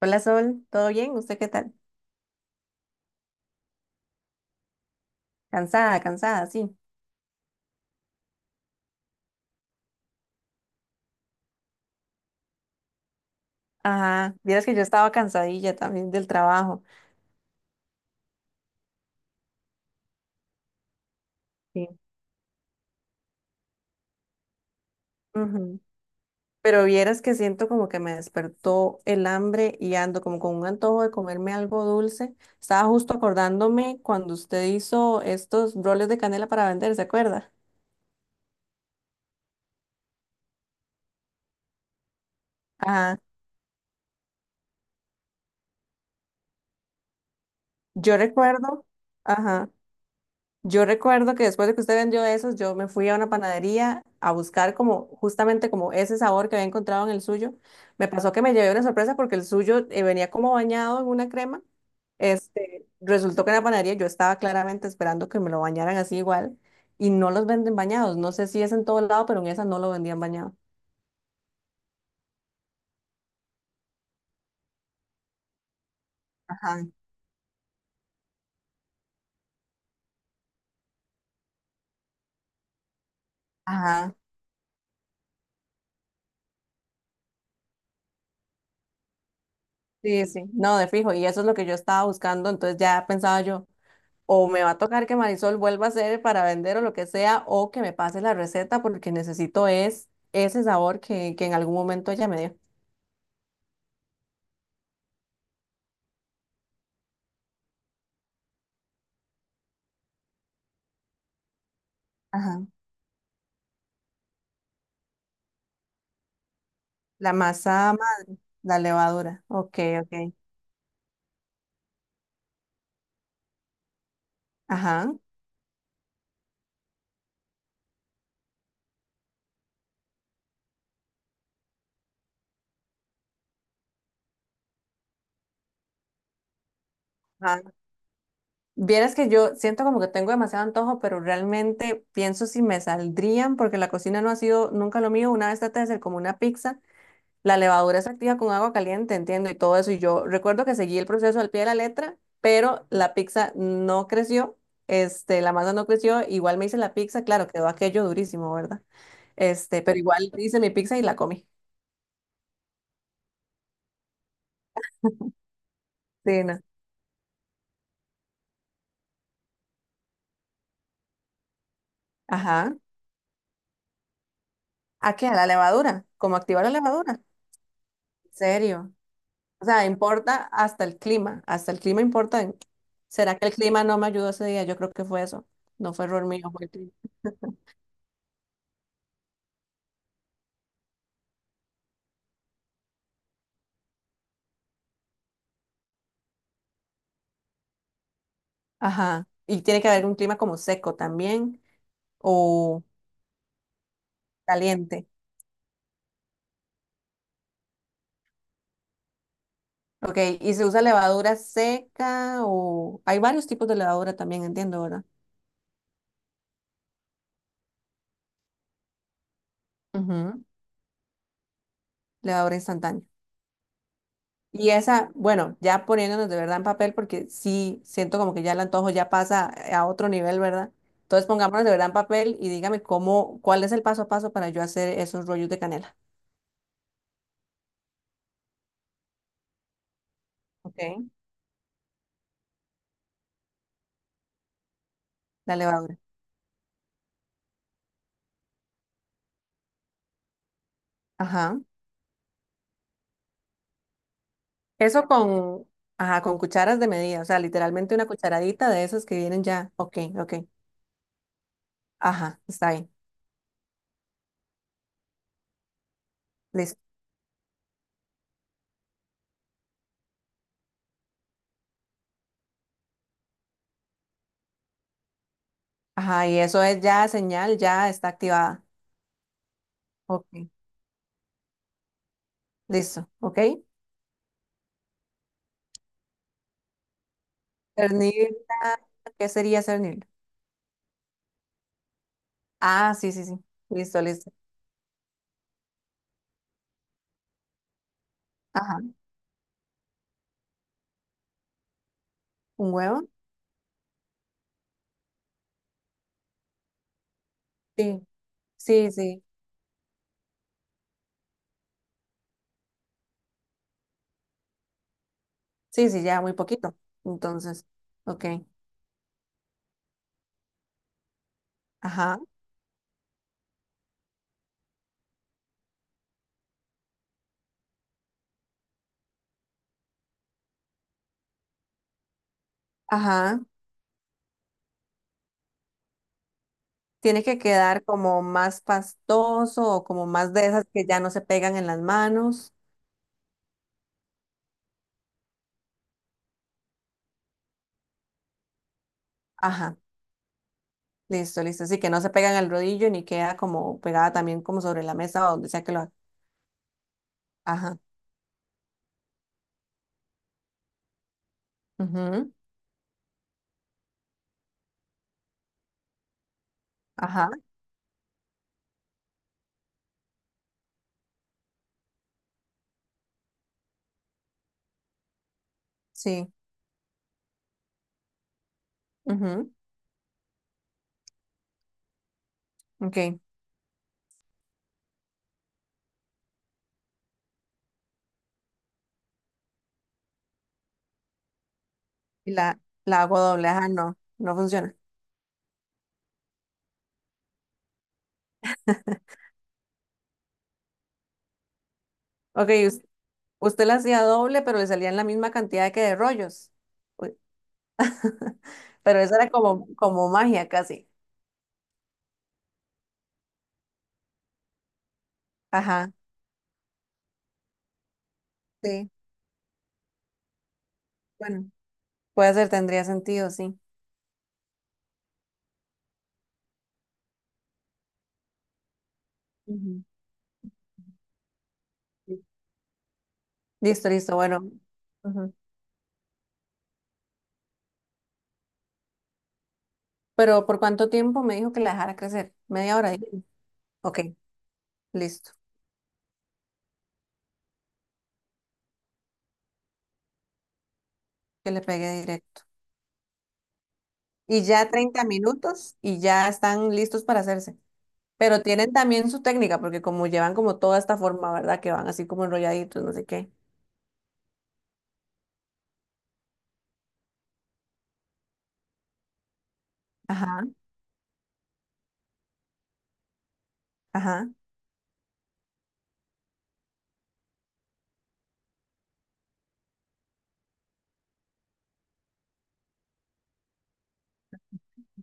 Hola Sol, ¿todo bien? ¿Usted qué tal? Cansada, cansada, sí. Ajá, vieras que yo estaba cansadilla también del trabajo. Sí. Ujú. Pero vieras que siento como que me despertó el hambre y ando como con un antojo de comerme algo dulce. Estaba justo acordándome cuando usted hizo estos roles de canela para vender, ¿se acuerda? Ajá. Yo recuerdo, ajá. Yo recuerdo que después de que usted vendió esos, yo me fui a una panadería a buscar como justamente como ese sabor que había encontrado en el suyo. Me pasó que me llevé una sorpresa porque el suyo venía como bañado en una crema. Este, resultó que en la panadería yo estaba claramente esperando que me lo bañaran así igual y no los venden bañados. No sé si es en todo lado, pero en esa no lo vendían bañado. Ajá, ajá. Sí, sí, no, de fijo, y eso es lo que yo estaba buscando, entonces ya pensaba yo, o me va a tocar que Marisol vuelva a hacer para vender o lo que sea, o que me pase la receta porque necesito es ese sabor que en algún momento ella me dio. Ajá. La masa madre, la levadura. Ok, ok. Ajá. Ajá. Vieras que yo siento como que tengo demasiado antojo, pero realmente pienso si me saldrían porque la cocina no ha sido nunca lo mío. Una vez traté de hacer como una pizza. La levadura se activa con agua caliente, entiendo, y todo eso. Y yo recuerdo que seguí el proceso al pie de la letra, pero la pizza no creció, este, la masa no creció. Igual me hice la pizza, claro, quedó aquello durísimo, ¿verdad? Este, pero igual hice mi pizza y la comí. Sí, no. Ajá. ¿A qué? A la levadura. ¿Cómo activar la levadura? ¿En serio? O sea, importa hasta el clima importa. ¿Será que el clima no me ayudó ese día? Yo creo que fue eso. No fue error mío, fue el clima. Ajá. Y tiene que haber un clima como seco también. O caliente. Ok, y se usa levadura seca o hay varios tipos de levadura también, entiendo, ¿verdad? Ujú. Levadura instantánea. Y esa, bueno, ya poniéndonos de verdad en papel, porque sí siento como que ya el antojo ya pasa a otro nivel, ¿verdad? Entonces pongámonos de verdad en papel y dígame cómo, cuál es el paso a paso para yo hacer esos rollos de canela. Ok. La levadura. Ajá. Eso con, ajá, con cucharas de medida, o sea, literalmente una cucharadita de esas que vienen ya. Ok, ok. Ajá, está bien. Ajá, y eso es ya señal, ya está activada. Ok, listo, ok. Cernirla, ¿qué sería cernirla? Ah, sí, sí, sí. Listo, listo. Ajá, ¿un huevo? Sí, sí, sí. Sí, sí, ya muy poquito. Entonces, ok. Ajá, ajá. Tiene que quedar como más pastoso o como más de esas que ya no se pegan en las manos. Ajá, listo, listo. Así que no se pegan al rodillo ni queda como pegada también como sobre la mesa o donde sea que lo haga. Ajá, ujú, ajá. Sí. Ujú, ok. Y la hago doble. Ajá, no, no funciona. Ok, usted la hacía doble, pero le salían la misma cantidad que de rollos. Uy. Pero esa era como, como magia casi. Ajá, sí. Bueno, puede ser, tendría sentido, sí. Ujú. Listo, listo, bueno. Ujú. Pero ¿por cuánto tiempo me dijo que la dejara crecer? Media hora, dijo. Ok, listo. Que le pegué directo. Y ya 30 minutos y ya están listos para hacerse. Pero tienen también su técnica, porque como llevan como toda esta forma, ¿verdad? Que van así como enrolladitos, no sé qué. Ajá, ajá,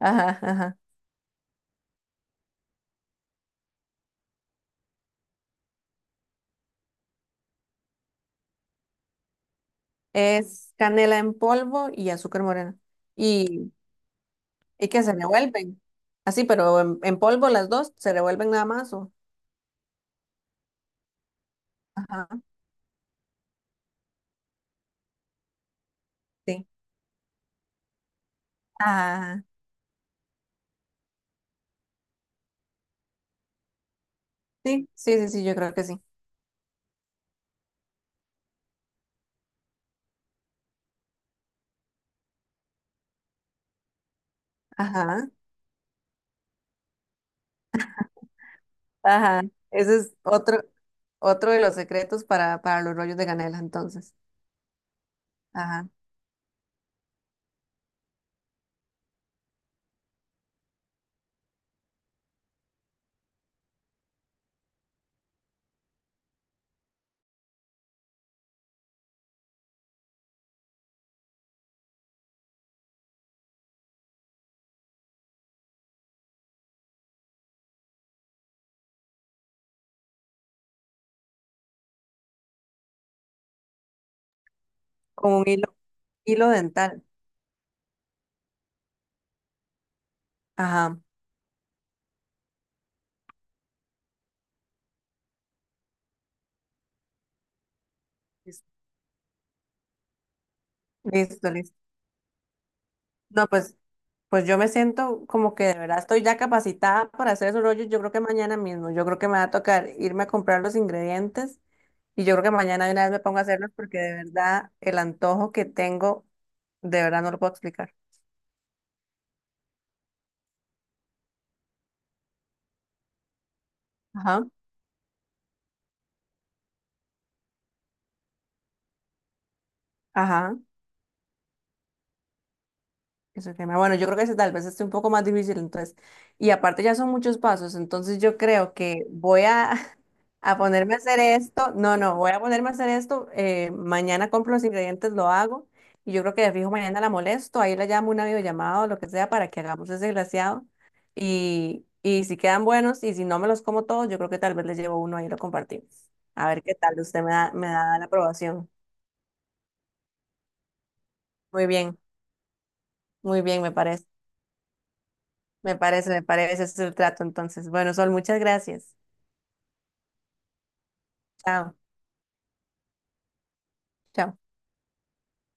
ajá, ajá. Es canela en polvo y azúcar morena. Y, y que se revuelven. Así, pero en polvo las dos se revuelven nada más. O... Ajá, sí. Ah, sí, sí, sí, sí, yo creo que sí. Ajá, ajá. Ese es otro, otro de los secretos para los rollos de canela, entonces. Ajá. Con un hilo, hilo dental. Ajá. Listo, listo. No, pues, pues yo me siento como que de verdad estoy ya capacitada para hacer esos rollos. Yo creo que mañana mismo, yo creo que me va a tocar irme a comprar los ingredientes y yo creo que mañana de una vez me pongo a hacerlos porque de verdad el antojo que tengo, de verdad no lo puedo explicar. Ajá, ajá. Ese tema. Bueno, yo creo que ese tal vez esté un poco más difícil, entonces. Y aparte ya son muchos pasos, entonces yo creo que voy a, a ponerme a hacer esto. No, no, voy a ponerme a hacer esto. Mañana compro los ingredientes, lo hago. Y yo creo que de fijo mañana la molesto, ahí la llamo una videollamada o lo que sea para que hagamos ese glaseado. Y si quedan buenos y si no me los como todos, yo creo que tal vez les llevo uno ahí y lo compartimos. A ver qué tal, usted me da la aprobación. Muy bien, muy bien, me parece. Me parece, me parece, ese es el trato entonces. Bueno, Sol, muchas gracias. Chao, chao.